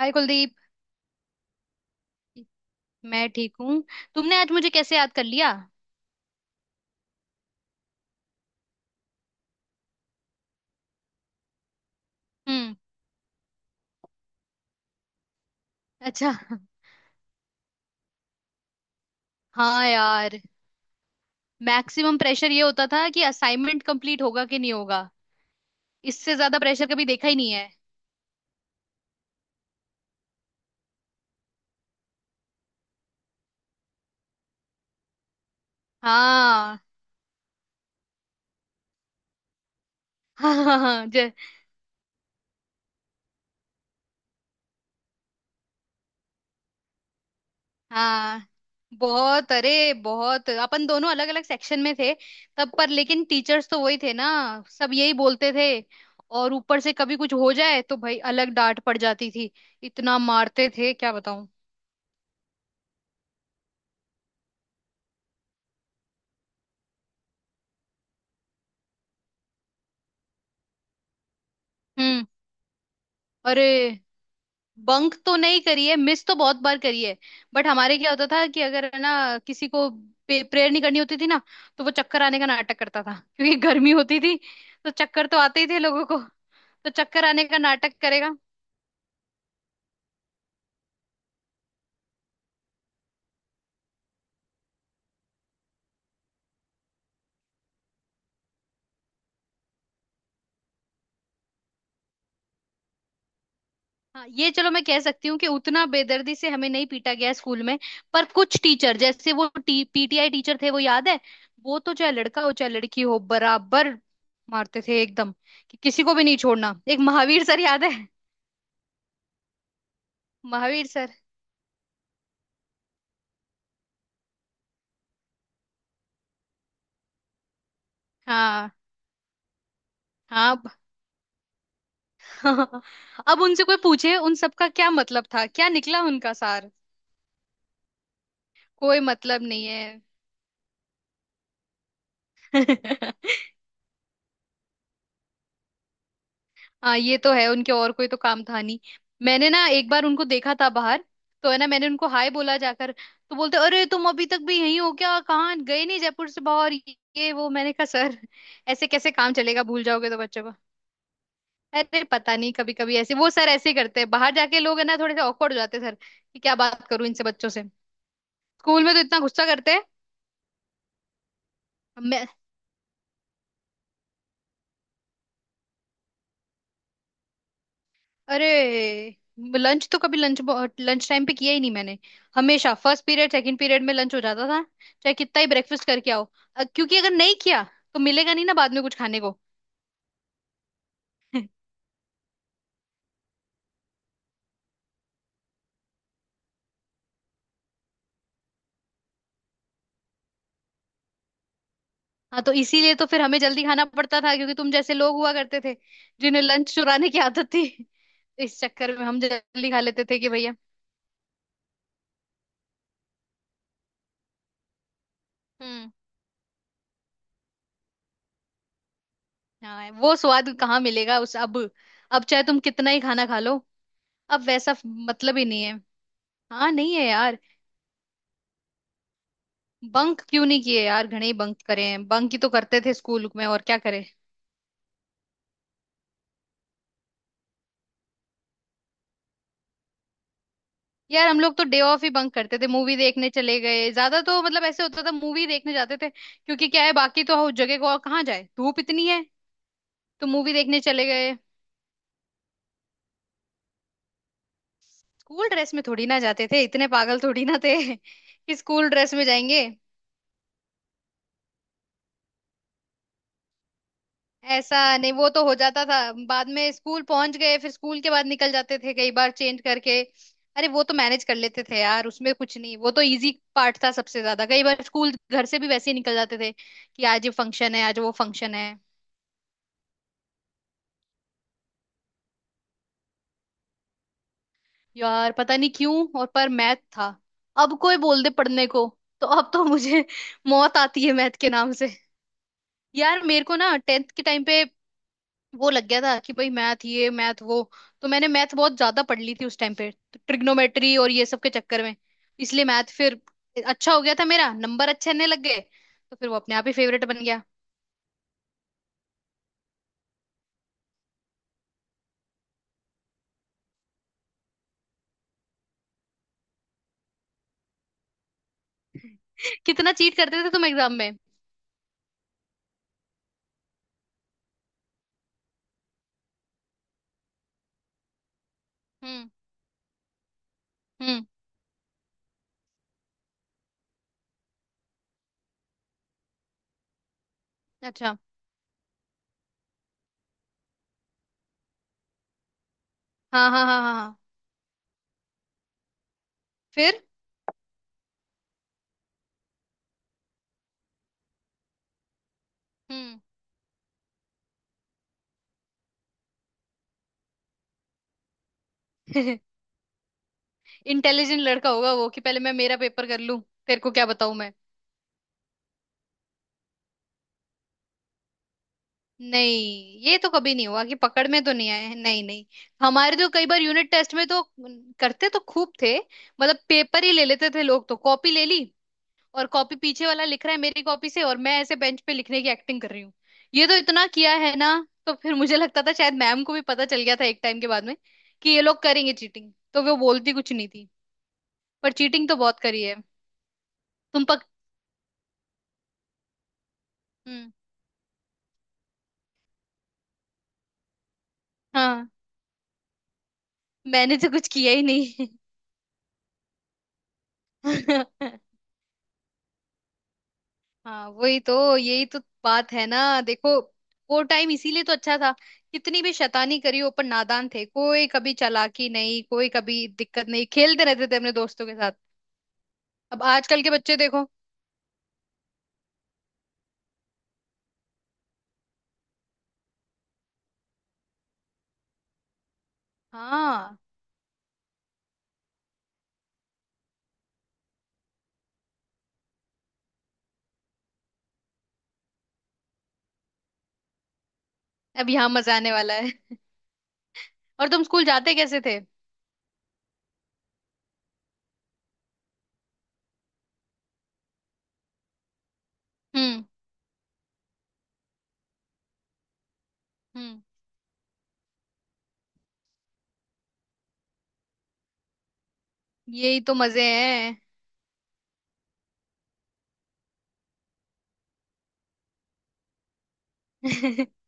हाय कुलदीप। मैं ठीक हूँ। तुमने आज मुझे कैसे याद कर लिया। हम्म। अच्छा। हाँ यार। मैक्सिमम प्रेशर ये होता था कि असाइनमेंट कंप्लीट होगा कि नहीं होगा। इससे ज्यादा प्रेशर कभी देखा ही नहीं है। हाँ। हाँ हाँ हाँ हाँ। बहुत, अरे बहुत, अपन दोनों अलग अलग सेक्शन में थे। तब पर लेकिन टीचर्स तो वही थे ना। सब यही बोलते थे। और ऊपर से कभी कुछ हो जाए तो भाई अलग डांट पड़ जाती थी। इतना मारते थे क्या बताऊं। हम्म। अरे बंक तो नहीं करी है, मिस तो बहुत बार करी है। बट हमारे क्या होता था कि अगर है ना किसी को प्रेयर नहीं करनी होती थी ना, तो वो चक्कर आने का नाटक करता था, क्योंकि गर्मी होती थी। तो चक्कर तो आते ही थे लोगों को। तो चक्कर आने का नाटक करेगा। हाँ ये चलो, मैं कह सकती हूँ कि उतना बेदर्दी से हमें नहीं पीटा गया है स्कूल में। पर कुछ टीचर, जैसे वो पीटीआई टीचर थे, वो याद है। वो तो चाहे लड़का हो चाहे लड़की हो बराबर मारते थे एकदम, कि किसी को भी नहीं छोड़ना। एक महावीर सर याद है। महावीर सर। हाँ हाँ। अब। अब उनसे कोई पूछे उन सबका क्या मतलब था, क्या निकला उनका सार। कोई मतलब नहीं है। हाँ ये तो है, उनके और कोई तो काम था नहीं। मैंने ना एक बार उनको देखा था बाहर। तो है ना, मैंने उनको हाय बोला, जाकर तो बोलते अरे तुम अभी तक भी यहीं हो क्या, कहाँ गए नहीं जयपुर से बाहर। ये वो, मैंने कहा सर ऐसे कैसे काम चलेगा, भूल जाओगे तो बच्चों को। अरे पता नहीं, कभी कभी ऐसे वो सर ऐसे ही करते हैं, बाहर जाके लोग है ना थोड़े से ऑकवर्ड हो जाते हैं सर, कि क्या बात करूं इनसे बच्चों से। स्कूल में तो इतना गुस्सा करते हैं। अरे लंच तो, कभी लंच, लंच टाइम पे किया ही नहीं मैंने। हमेशा फर्स्ट पीरियड सेकंड पीरियड में लंच हो जाता था, चाहे कितना ही ब्रेकफास्ट करके आओ। क्योंकि अगर नहीं किया तो मिलेगा नहीं ना बाद में कुछ खाने को। हाँ तो इसीलिए तो फिर हमें जल्दी खाना पड़ता था, क्योंकि तुम जैसे लोग हुआ करते थे जिन्हें लंच चुराने की आदत थी। इस चक्कर में हम जल्दी खा लेते थे कि भैया। हम्म। हाँ वो स्वाद कहाँ मिलेगा उस, अब चाहे तुम कितना ही खाना खा लो, अब वैसा मतलब ही नहीं है। हाँ नहीं है यार। बंक क्यों नहीं किए यार, घणे ही बंक करे हैं, बंक ही तो करते थे स्कूल में, और क्या करें। यार हम लोग तो डे ऑफ ही बंक करते थे, मूवी देखने चले गए ज्यादा, तो मतलब ऐसे होता था मूवी देखने जाते थे, क्योंकि क्या है बाकी तो उस जगह को और कहाँ जाए, धूप इतनी है। तो मूवी देखने चले गए। स्कूल ड्रेस में थोड़ी ना जाते थे, इतने पागल थोड़ी ना थे कि स्कूल ड्रेस में जाएंगे। ऐसा नहीं, वो तो हो जाता था, बाद में स्कूल पहुंच गए, फिर स्कूल के बाद निकल जाते थे कई बार चेंज करके। अरे वो तो मैनेज कर लेते थे यार, उसमें कुछ नहीं, वो तो इजी पार्ट था। सबसे ज्यादा कई बार स्कूल घर से भी वैसे ही निकल जाते थे, कि आज ये फंक्शन है, आज वो फंक्शन है। यार पता नहीं क्यों, और पर मैथ था। अब कोई बोल दे पढ़ने को, तो अब तो मुझे मौत आती है मैथ के नाम से। यार मेरे को ना टेंथ के टाइम पे वो लग गया था कि भाई मैथ ये मैथ वो, तो मैंने मैथ बहुत ज्यादा पढ़ ली थी उस टाइम पे, तो ट्रिग्नोमेट्री और ये सब के चक्कर में इसलिए मैथ फिर अच्छा हो गया था, मेरा नंबर अच्छे आने लग गए, तो फिर वो अपने आप ही फेवरेट बन गया। कितना चीट करते थे तुम एग्जाम में। हम्म। हम्म। अच्छा। हाँ, हाँ, हाँ, हाँ, हाँ। फिर। हम्म। इंटेलिजेंट लड़का होगा वो, कि पहले मैं मेरा पेपर कर लूं, तेरे को क्या बताऊं मैं। नहीं ये तो कभी नहीं हुआ कि पकड़ में, तो नहीं आए हैं, नहीं नहीं। हमारे तो कई बार यूनिट टेस्ट में तो करते तो खूब थे, मतलब पेपर ही ले लेते थे लोग तो, कॉपी ले ली, और कॉपी पीछे वाला लिख रहा है मेरी कॉपी से, और मैं ऐसे बेंच पे लिखने की एक्टिंग कर रही हूँ। ये तो इतना किया है ना। तो फिर मुझे लगता था शायद मैम को भी पता चल गया था एक टाइम के बाद में, कि ये लोग करेंगे चीटिंग, तो वो बोलती कुछ नहीं थी। पर चीटिंग तो बहुत करी है। तुम पक हम्म, हाँ मैंने तो कुछ किया ही नहीं। हाँ वही तो, यही तो बात है ना, देखो वो टाइम इसीलिए तो अच्छा था, कितनी भी शैतानी करी हो पर नादान थे, कोई कभी चालाकी नहीं, कोई कभी दिक्कत नहीं, खेलते रहते थे अपने दोस्तों के साथ। अब आजकल के बच्चे देखो। हाँ। अब यहाँ मजा आने वाला है। और तुम स्कूल जाते कैसे थे। हम्म, हम्म। यही तो मजे हैं।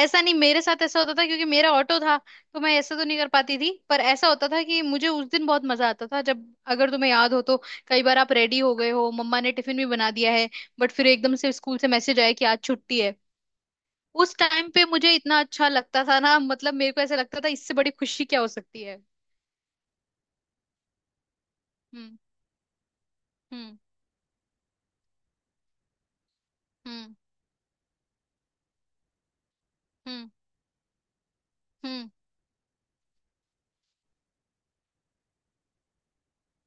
ऐसा नहीं, मेरे साथ ऐसा होता था क्योंकि मेरा ऑटो था, तो मैं ऐसा तो नहीं कर पाती थी, पर ऐसा होता था कि मुझे उस दिन बहुत मजा आता था जब, अगर तुम्हें याद हो तो, कई बार आप रेडी हो गए हो, मम्मा ने टिफिन भी बना दिया है, बट फिर एकदम से स्कूल से मैसेज आया कि आज छुट्टी है। उस टाइम पे मुझे इतना अच्छा लगता था ना, मतलब मेरे को ऐसा लगता था इससे बड़ी खुशी क्या हो सकती है। हम्म, हम्म, हम्म, हम्म, हम्म,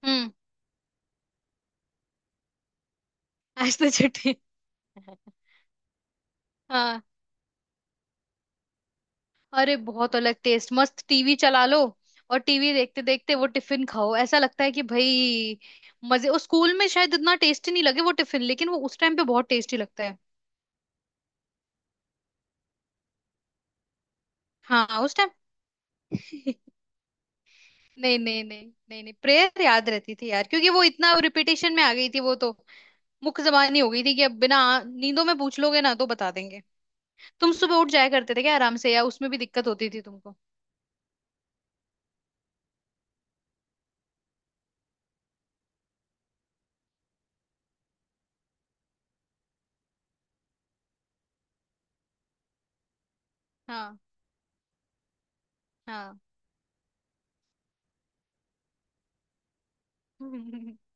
हम्म। आज तो छुट्टी। है। हाँ। अरे बहुत अलग टेस्ट, मस्त टीवी चला लो, और टीवी देखते देखते वो टिफिन खाओ, ऐसा लगता है कि भाई मजे। उस स्कूल में शायद इतना टेस्टी नहीं लगे वो टिफिन, लेकिन वो उस टाइम पे बहुत टेस्टी लगता है। हाँ उस टाइम। नहीं, नहीं, नहीं, नहीं, नहीं, प्रेयर याद रहती थी यार, क्योंकि वो इतना रिपीटेशन में आ गई थी, वो तो मुख्य जबानी हो गई थी, कि अब बिना नींदों में पूछ लोगे ना तो बता देंगे। तुम सुबह उठ जाया करते थे क्या आराम से, या उसमें भी दिक्कत होती थी तुमको। हाँ, हाँ।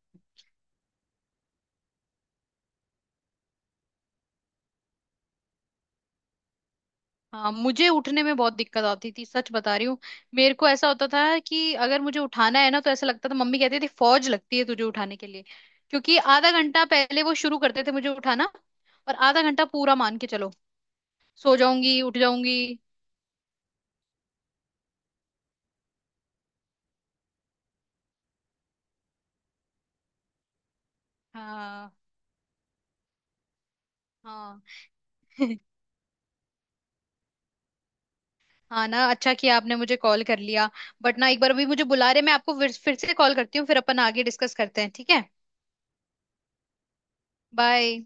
हाँ मुझे उठने में बहुत दिक्कत आती थी, सच बता रही हूँ। मेरे को ऐसा होता था कि अगर मुझे उठाना है ना, तो ऐसा लगता था, मम्मी कहती थी फौज लगती है तुझे उठाने के लिए, क्योंकि आधा घंटा पहले वो शुरू करते थे मुझे उठाना, और आधा घंटा पूरा मान के चलो, सो जाऊंगी उठ जाऊंगी। हाँ, हाँ। हाँ ना, अच्छा किया आपने मुझे कॉल कर लिया। बट ना, एक बार अभी मुझे बुला रहे, मैं आपको फिर से कॉल करती हूँ, फिर अपन आगे डिस्कस करते हैं, ठीक है, बाय।